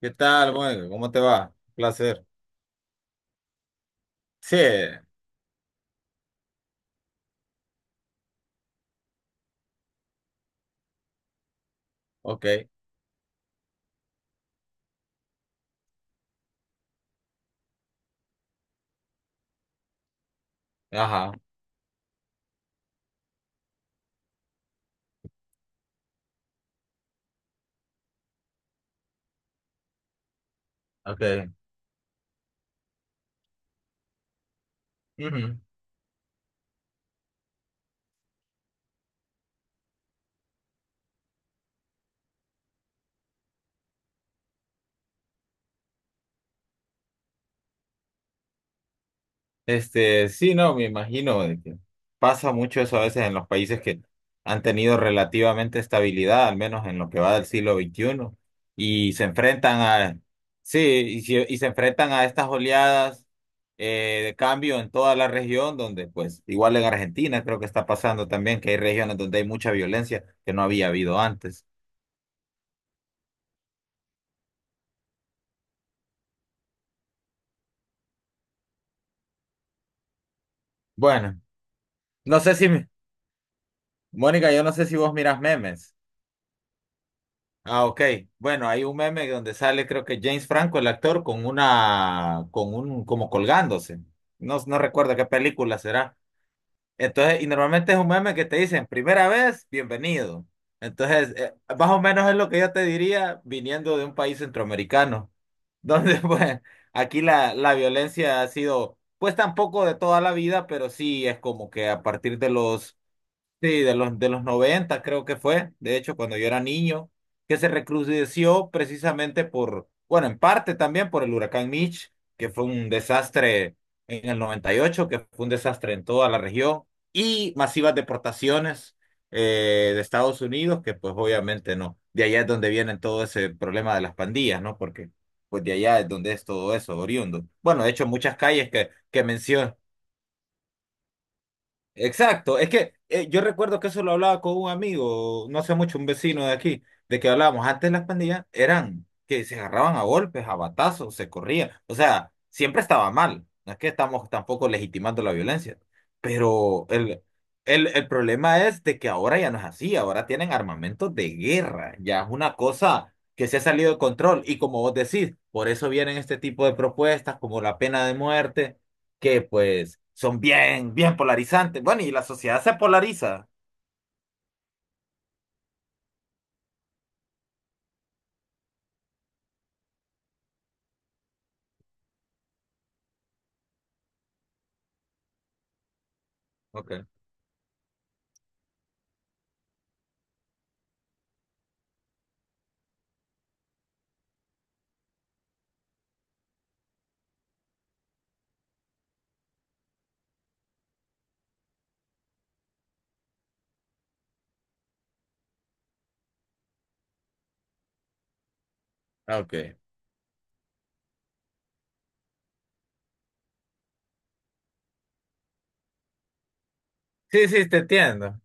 ¿Qué tal, Mónica? ¿Cómo te va? Un placer. Sí, ok. Ajá, ok. Ujú. Sí, no, me imagino de que pasa mucho eso a veces en los países que han tenido relativamente estabilidad, al menos en lo que va del siglo XXI, y se enfrentan a, sí, se enfrentan a estas oleadas de cambio en toda la región, donde pues igual en Argentina creo que está pasando también que hay regiones donde hay mucha violencia que no había habido antes. Bueno. No sé si, Mónica, yo no sé si vos miras memes. Ah, ok. Bueno, hay un meme donde sale, creo que James Franco, el actor, con una, con un, como colgándose. No, no recuerdo qué película será. Entonces, y normalmente es un meme que te dicen, primera vez, bienvenido. Entonces, más o menos es lo que yo te diría viniendo de un país centroamericano, donde pues aquí la, la violencia ha sido, pues tampoco de toda la vida, pero sí es como que a partir de los, sí, de los 90 creo que fue, de hecho, cuando yo era niño, que se recrudeció precisamente por, bueno, en parte también por el huracán Mitch, que fue un desastre en el 98, que fue un desastre en toda la región, y masivas deportaciones de Estados Unidos, que pues obviamente no, de allá es donde viene todo ese problema de las pandillas, ¿no? Porque pues de allá es donde es todo eso, oriundo. Bueno, de hecho, muchas calles que, mencio- Exacto, es que yo recuerdo que eso lo hablaba con un amigo, no hace mucho, un vecino de aquí, de que hablábamos, antes las pandillas eran que se agarraban a golpes, a batazos, se corrían, o sea, siempre estaba mal, no es que estamos tampoco legitimando la violencia, pero el, el problema es de que ahora ya no es así, ahora tienen armamento de guerra, ya es una cosa que se ha salido de control y como vos decís, por eso vienen este tipo de propuestas como la pena de muerte que pues son bien, bien polarizantes. Bueno, y la sociedad se polariza. Okay. Ah, okay. Sí, sí, te entiendo.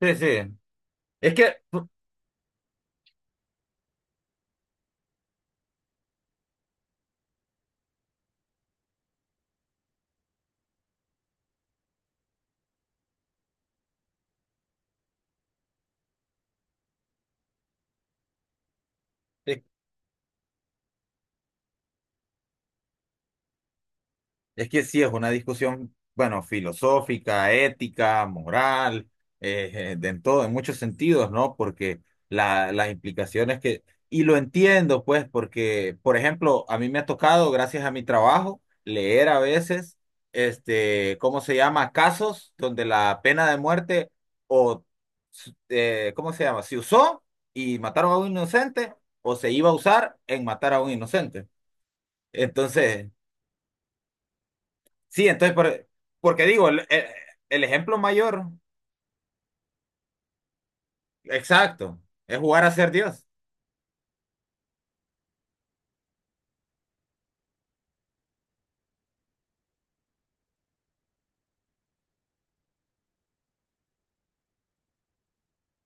Sí, sí. Es que, es Es que sí, es una discusión, bueno, filosófica, ética, moral, de en todo, en muchos sentidos, ¿no? Porque las implicaciones que, y lo entiendo, pues, porque, por ejemplo, a mí me ha tocado, gracias a mi trabajo, leer a veces, este, ¿cómo se llama? Casos donde la pena de muerte o, ¿cómo se llama? Se usó y mataron a un inocente o se iba a usar en matar a un inocente. Entonces... Sí, entonces, porque digo, el, el ejemplo mayor, exacto, es jugar a ser Dios.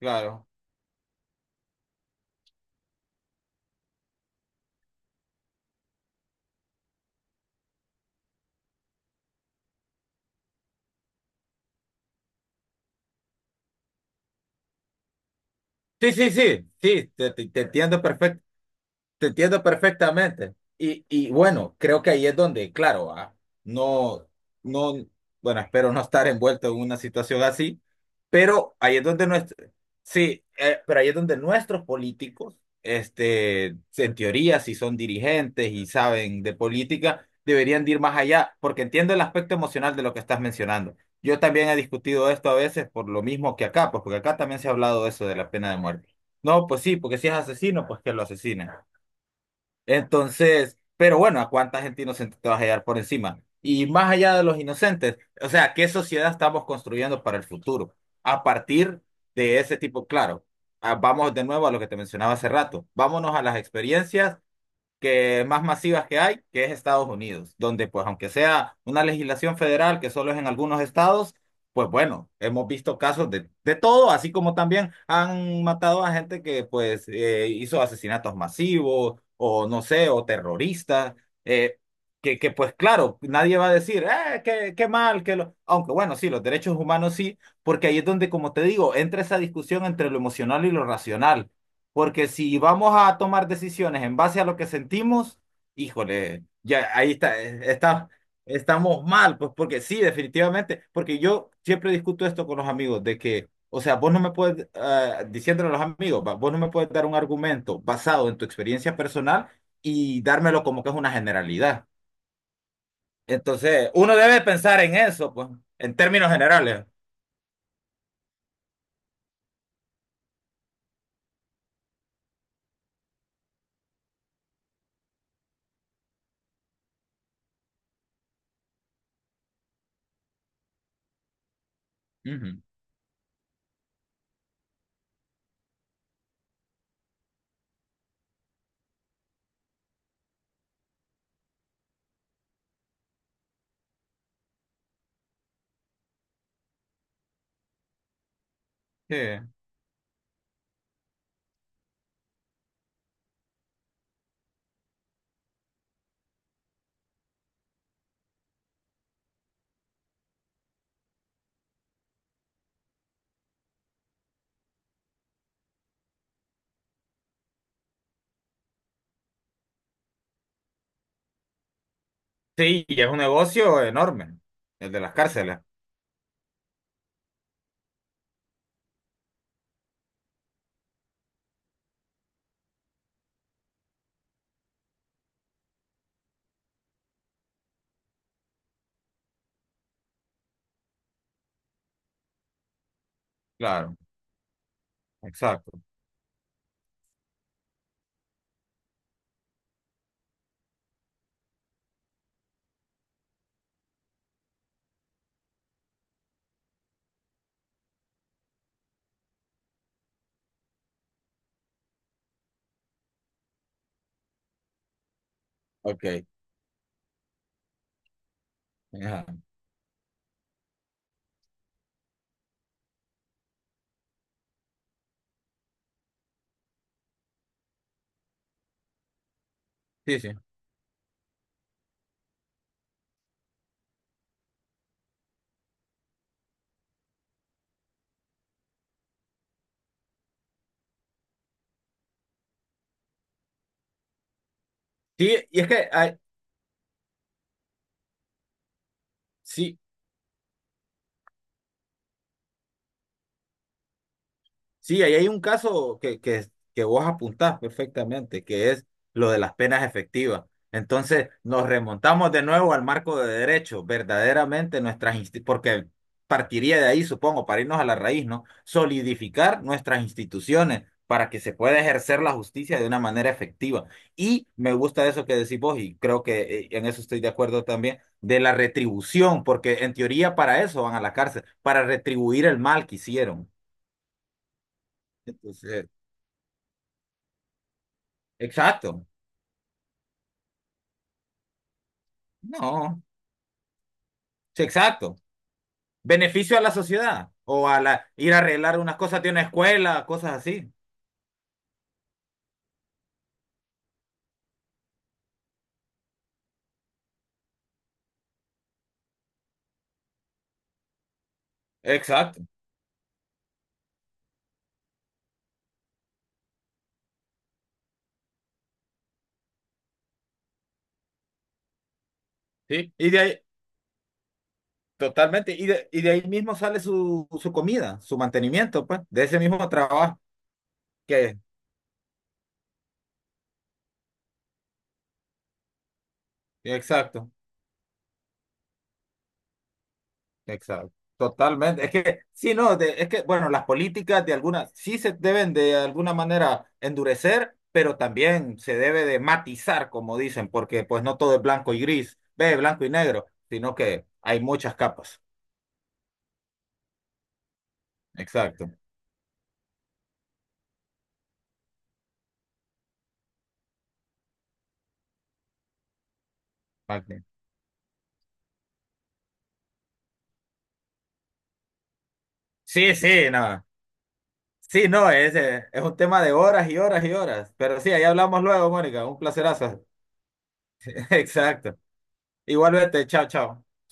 Claro. Sí, sí, sí, sí, te entiendo. Te entiendo perfectamente. Y bueno, creo que ahí es donde, claro, ah, no, no, bueno, espero no estar envuelto en una situación así, pero ahí es donde nuestro, sí, pero ahí es donde nuestros políticos, en teoría, si son dirigentes y saben de política, deberían de ir más allá, porque entiendo el aspecto emocional de lo que estás mencionando. Yo también he discutido esto a veces por lo mismo que acá, pues porque acá también se ha hablado de eso de la pena de muerte. No, pues sí, porque si es asesino, pues que lo asesinen. Entonces, pero bueno, ¿a cuánta gente inocente te vas a hallar por encima? Y más allá de los inocentes, o sea, ¿qué sociedad estamos construyendo para el futuro? A partir de ese tipo, claro, ah, vamos de nuevo a lo que te mencionaba hace rato, vámonos a las experiencias que más masivas que hay, que es Estados Unidos, donde pues aunque sea una legislación federal que solo es en algunos estados, pues bueno, hemos visto casos de todo, así como también han matado a gente que pues hizo asesinatos masivos o no sé, o terroristas, eh, que, pues claro, nadie va a decir, qué, mal, que lo... aunque bueno, sí, los derechos humanos sí, porque ahí es donde, como te digo, entra esa discusión entre lo emocional y lo racional porque si vamos a tomar decisiones en base a lo que sentimos, híjole, ya ahí está, está, estamos mal, pues porque sí, definitivamente, porque yo siempre discuto esto con los amigos, de que, o sea, vos no me puedes, ah, diciéndole a los amigos, va, vos no me puedes dar un argumento basado en tu experiencia personal y dármelo como que es una generalidad. Entonces, uno debe pensar en eso, pues, en términos generales. Ujú. Sí, sí, y es un negocio enorme, el de las cárceles, claro, exacto. Ok. Ajá. Sí, sí. Sí, y es que, ah, sí. Sí, ahí hay un caso que, que vos apuntás perfectamente, que es lo de las penas efectivas. Entonces, nos remontamos de nuevo al marco de derecho, verdaderamente nuestras insti- porque partiría de ahí, supongo, para irnos a la raíz, ¿no? Solidificar nuestras instituciones para que se pueda ejercer la justicia de una manera efectiva. Y me gusta eso que decís vos, y creo que en eso estoy de acuerdo también, de la retribución, porque en teoría para eso van a la cárcel, para retribuir el mal que hicieron. Entonces, exacto. No, sí, exacto. Beneficio a la sociedad o a la ir a arreglar unas cosas de una escuela, cosas así. Exacto. Sí. Y de ahí, totalmente. Y de ahí mismo sale su, su comida, su mantenimiento, pues, de ese mismo trabajo que, exacto. Exacto. Totalmente. Es que, sí, no, de- es que, bueno, las políticas de algunas, sí se deben de alguna manera endurecer, pero también se debe de matizar, como dicen, porque pues no todo es blanco y gris, ve, blanco y negro, sino que hay muchas capas. Exacto. Magni. Sí, sí, no. Sí, no, es un tema de horas y horas y horas. Pero sí, ahí hablamos luego, Mónica. Un placerazo. Exacto. Igualmente, chao, chao.